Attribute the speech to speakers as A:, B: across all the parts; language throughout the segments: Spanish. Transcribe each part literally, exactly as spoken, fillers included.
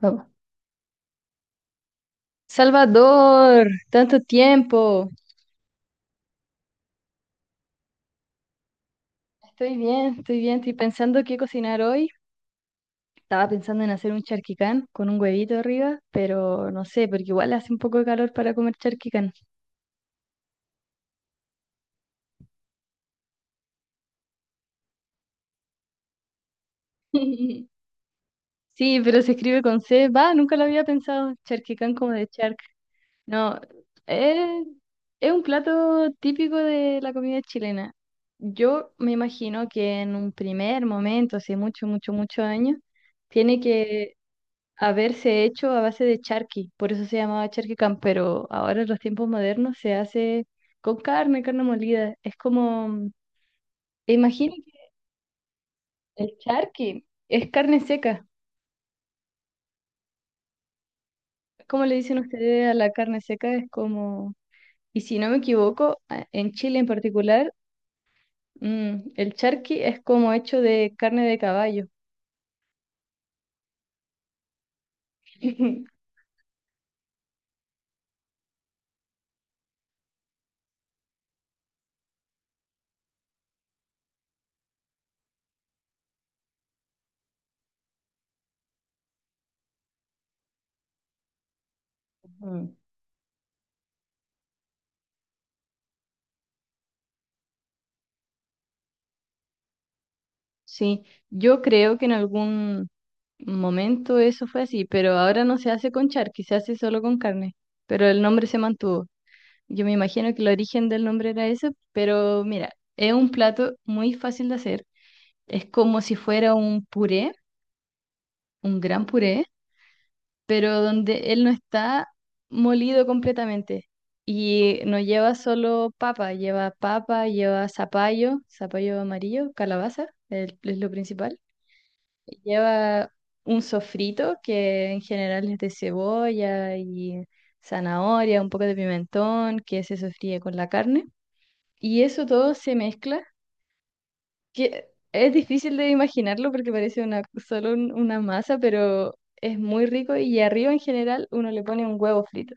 A: Vamos. Salvador, tanto tiempo. Estoy bien, estoy bien. Estoy pensando qué cocinar hoy. Estaba pensando en hacer un charquicán con un huevito arriba, pero no sé, porque igual hace un poco de calor para comer charquicán. Sí, pero se escribe con C. Va, nunca lo había pensado. Charquicán como de charc. No, eh, es un plato típico de la comida chilena. Yo me imagino que en un primer momento, hace mucho, mucho, muchos años, tiene que haberse hecho a base de charqui, por eso se llamaba charquicán, pero ahora en los tiempos modernos se hace con carne, carne molida. Es como, imagínate, el charqui es carne seca. ¿Cómo le dicen ustedes a la carne seca? Es como, y si no me equivoco, a- en Chile en particular, mm, el charqui es como hecho de carne de caballo. Ujú. Sí, yo creo que en algún momento eso fue así, pero ahora no se hace con charqui, se hace solo con carne, pero el nombre se mantuvo. Yo me imagino que el origen del nombre era ese, pero mira, es un plato muy fácil de hacer. Es como si fuera un puré, un gran puré, pero donde él no está molido completamente. Y no lleva solo papa, lleva papa, lleva zapallo, zapallo amarillo, calabaza, el- es lo principal. Lleva un sofrito que en general es de cebolla y zanahoria, un poco de pimentón que se sofríe con la carne. Y eso todo se mezcla, que es difícil de imaginarlo porque parece una, solo un- una masa, pero es muy rico y arriba en general uno le pone un huevo frito.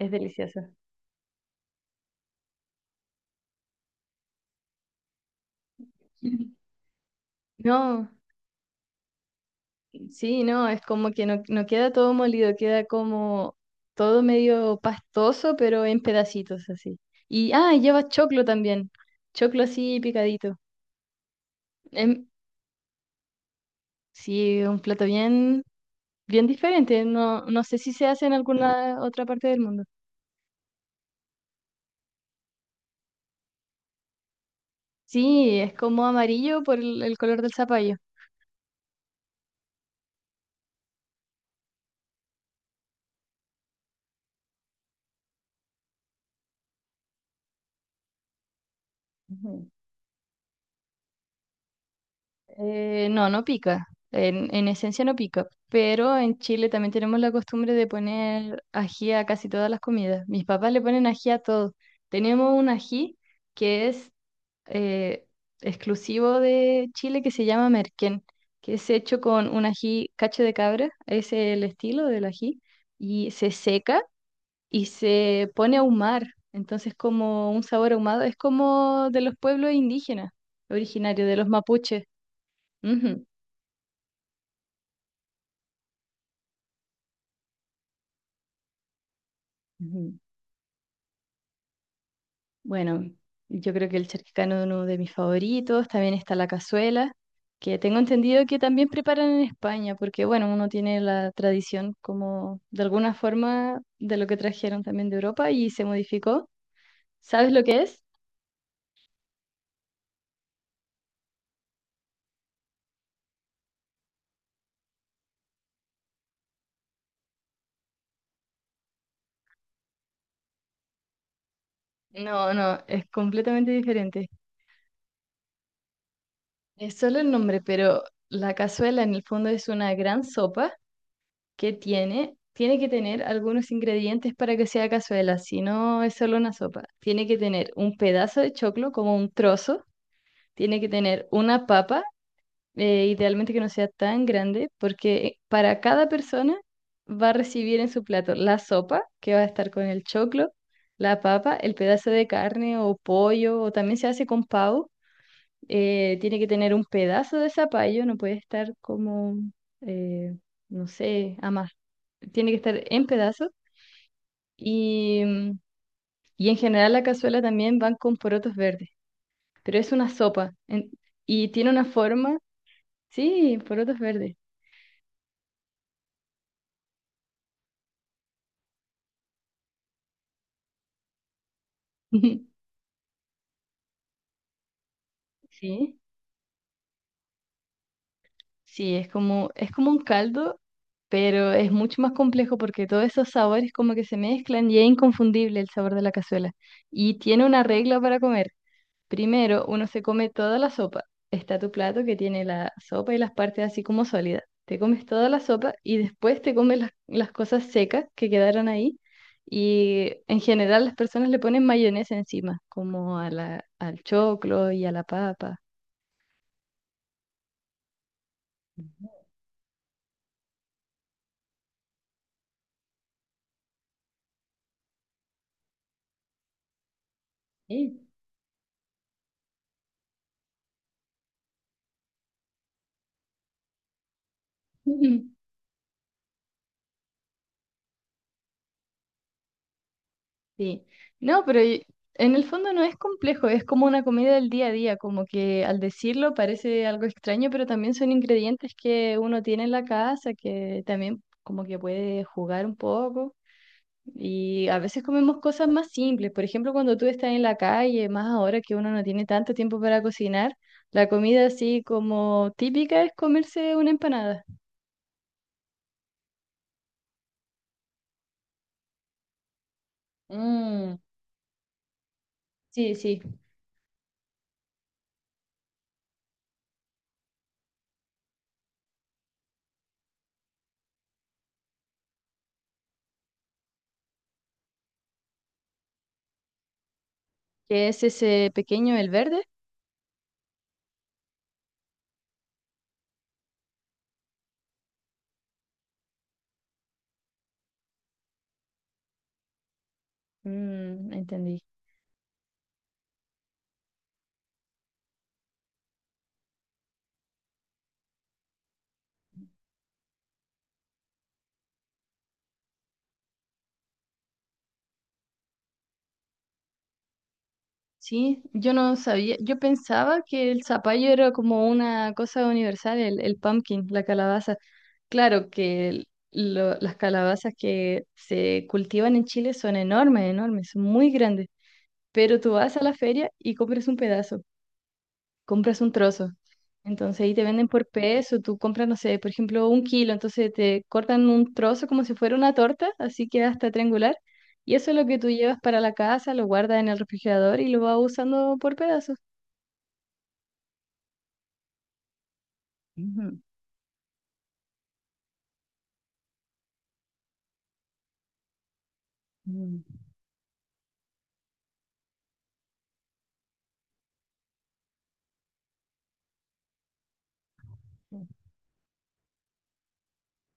A: Es delicioso. No. Sí, no, es como que no, no queda todo molido, queda como todo medio pastoso, pero en pedacitos así. Y, ah, y lleva choclo también, choclo así picadito. Em, sí, un plato bien, bien diferente, no, no sé si se hace en alguna otra parte del mundo. Sí, es como amarillo por el, el color del zapallo. Eh, no, no pica. En, en esencia no pica. Pero en Chile también tenemos la costumbre de poner ají a casi todas las comidas. Mis papás le ponen ají a todo. Tenemos un ají que es eh, exclusivo de Chile que se llama merquén, que es hecho con un ají cacho de cabra, es el estilo del ají, y se seca y se pone a ahumar. Entonces, como un sabor ahumado, es como de los pueblos indígenas, originario de los mapuches. Ujú. Ujú. Bueno, yo creo que el charquicano es uno de mis favoritos. También está la cazuela, que tengo entendido que también preparan en España, porque bueno, uno tiene la tradición como de alguna forma de lo que trajeron también de Europa y se modificó. ¿Sabes lo que es? No, no, es completamente diferente. Es solo el nombre, pero la cazuela en el fondo es una gran sopa que tiene, tiene que tener algunos ingredientes para que sea cazuela, si no es solo una sopa. Tiene que tener un pedazo de choclo, como un trozo, tiene que tener una papa, eh, idealmente que no sea tan grande, porque para cada persona va a recibir en su plato la sopa, que va a estar con el choclo, la papa, el pedazo de carne o pollo, o también se hace con pavo, eh, tiene que tener un pedazo de zapallo, no puede estar como, eh, no sé, amas. Tiene que estar en pedazos y, mm, y en general la cazuela también van con porotos verdes, pero es una sopa en- y tiene una forma, sí, porotos verdes. Sí, sí, es como, es como un caldo, pero es mucho más complejo porque todos esos sabores como que se mezclan y es inconfundible el sabor de la cazuela. Y tiene una regla para comer. Primero, uno se come toda la sopa. Está tu plato que tiene la sopa y las partes así como sólidas. Te comes toda la sopa y después te comes las, las cosas secas que quedaron ahí. Y en general las personas le ponen mayonesa encima, como a la, al choclo y a la papa. Sí. Sí, no, pero y- en el fondo no es complejo, es como una comida del día a día, como que al decirlo parece algo extraño, pero también son ingredientes que uno tiene en la casa, que también como que puede jugar un poco. Y a veces comemos cosas más simples, por ejemplo, cuando tú estás en la calle, más ahora que uno no tiene tanto tiempo para cocinar, la comida así como típica es comerse una empanada. Mm. Sí, sí, que es ese pequeño, el verde. Mm, entendí. Sí, yo no sabía, yo pensaba que el zapallo era como una cosa universal, el, el pumpkin, la calabaza. Claro que el- lo- las calabazas que se cultivan en Chile son enormes, enormes, son muy grandes, pero tú vas a la feria y compras un pedazo, compras un trozo. Entonces ahí te venden por peso, tú compras, no sé, por ejemplo, un kilo, entonces te cortan un trozo como si fuera una torta, así que hasta triangular, y eso es lo que tú llevas para la casa, lo guardas en el refrigerador y lo vas usando por pedazos.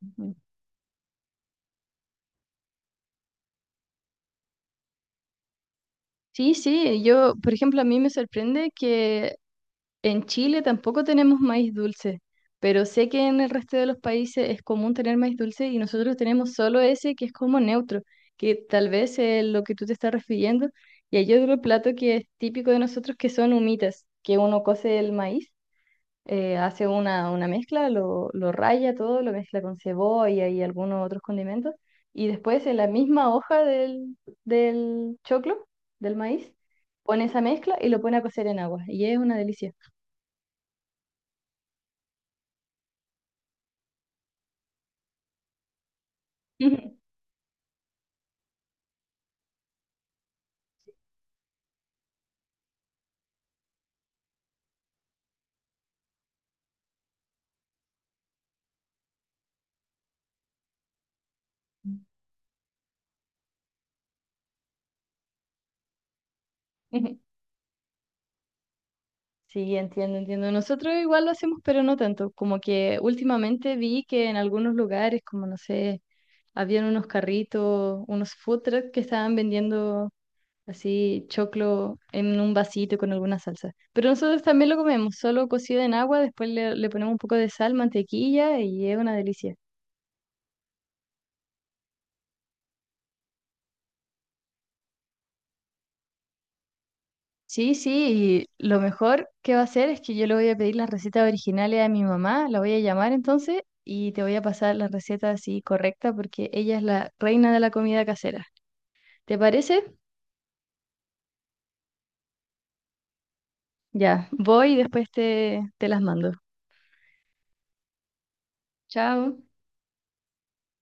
A: Ujú. Sí, sí, yo, por ejemplo, a mí me sorprende que en Chile tampoco tenemos maíz dulce, pero sé que en el resto de los países es común tener maíz dulce y nosotros tenemos solo ese que es como neutro, que tal vez es lo que tú te estás refiriendo. Y hay otro plato que es típico de nosotros que son humitas, que uno cose el maíz, eh, hace una, una mezcla, lo, lo raya todo, lo mezcla con cebolla y algunos otros condimentos, y después en la misma hoja del, del choclo, del maíz, pone esa mezcla y lo pone a cocer en agua, y es una delicia. Ujú. Ujú. Sí, entiendo, entiendo. Nosotros igual lo hacemos, pero no tanto. Como que últimamente vi que en algunos lugares, como no sé, habían unos carritos, unos food trucks que estaban vendiendo así choclo en un vasito con alguna salsa. Pero nosotros también lo comemos, solo cocido en agua, después le, le ponemos un poco de sal, mantequilla y es una delicia. Sí, sí, y lo mejor que va a hacer es que yo le voy a pedir las recetas originales a mi mamá, la voy a llamar entonces y te voy a pasar las recetas así correctas porque ella es la reina de la comida casera. ¿Te parece? Ya, voy y después te, te las mando. Chao.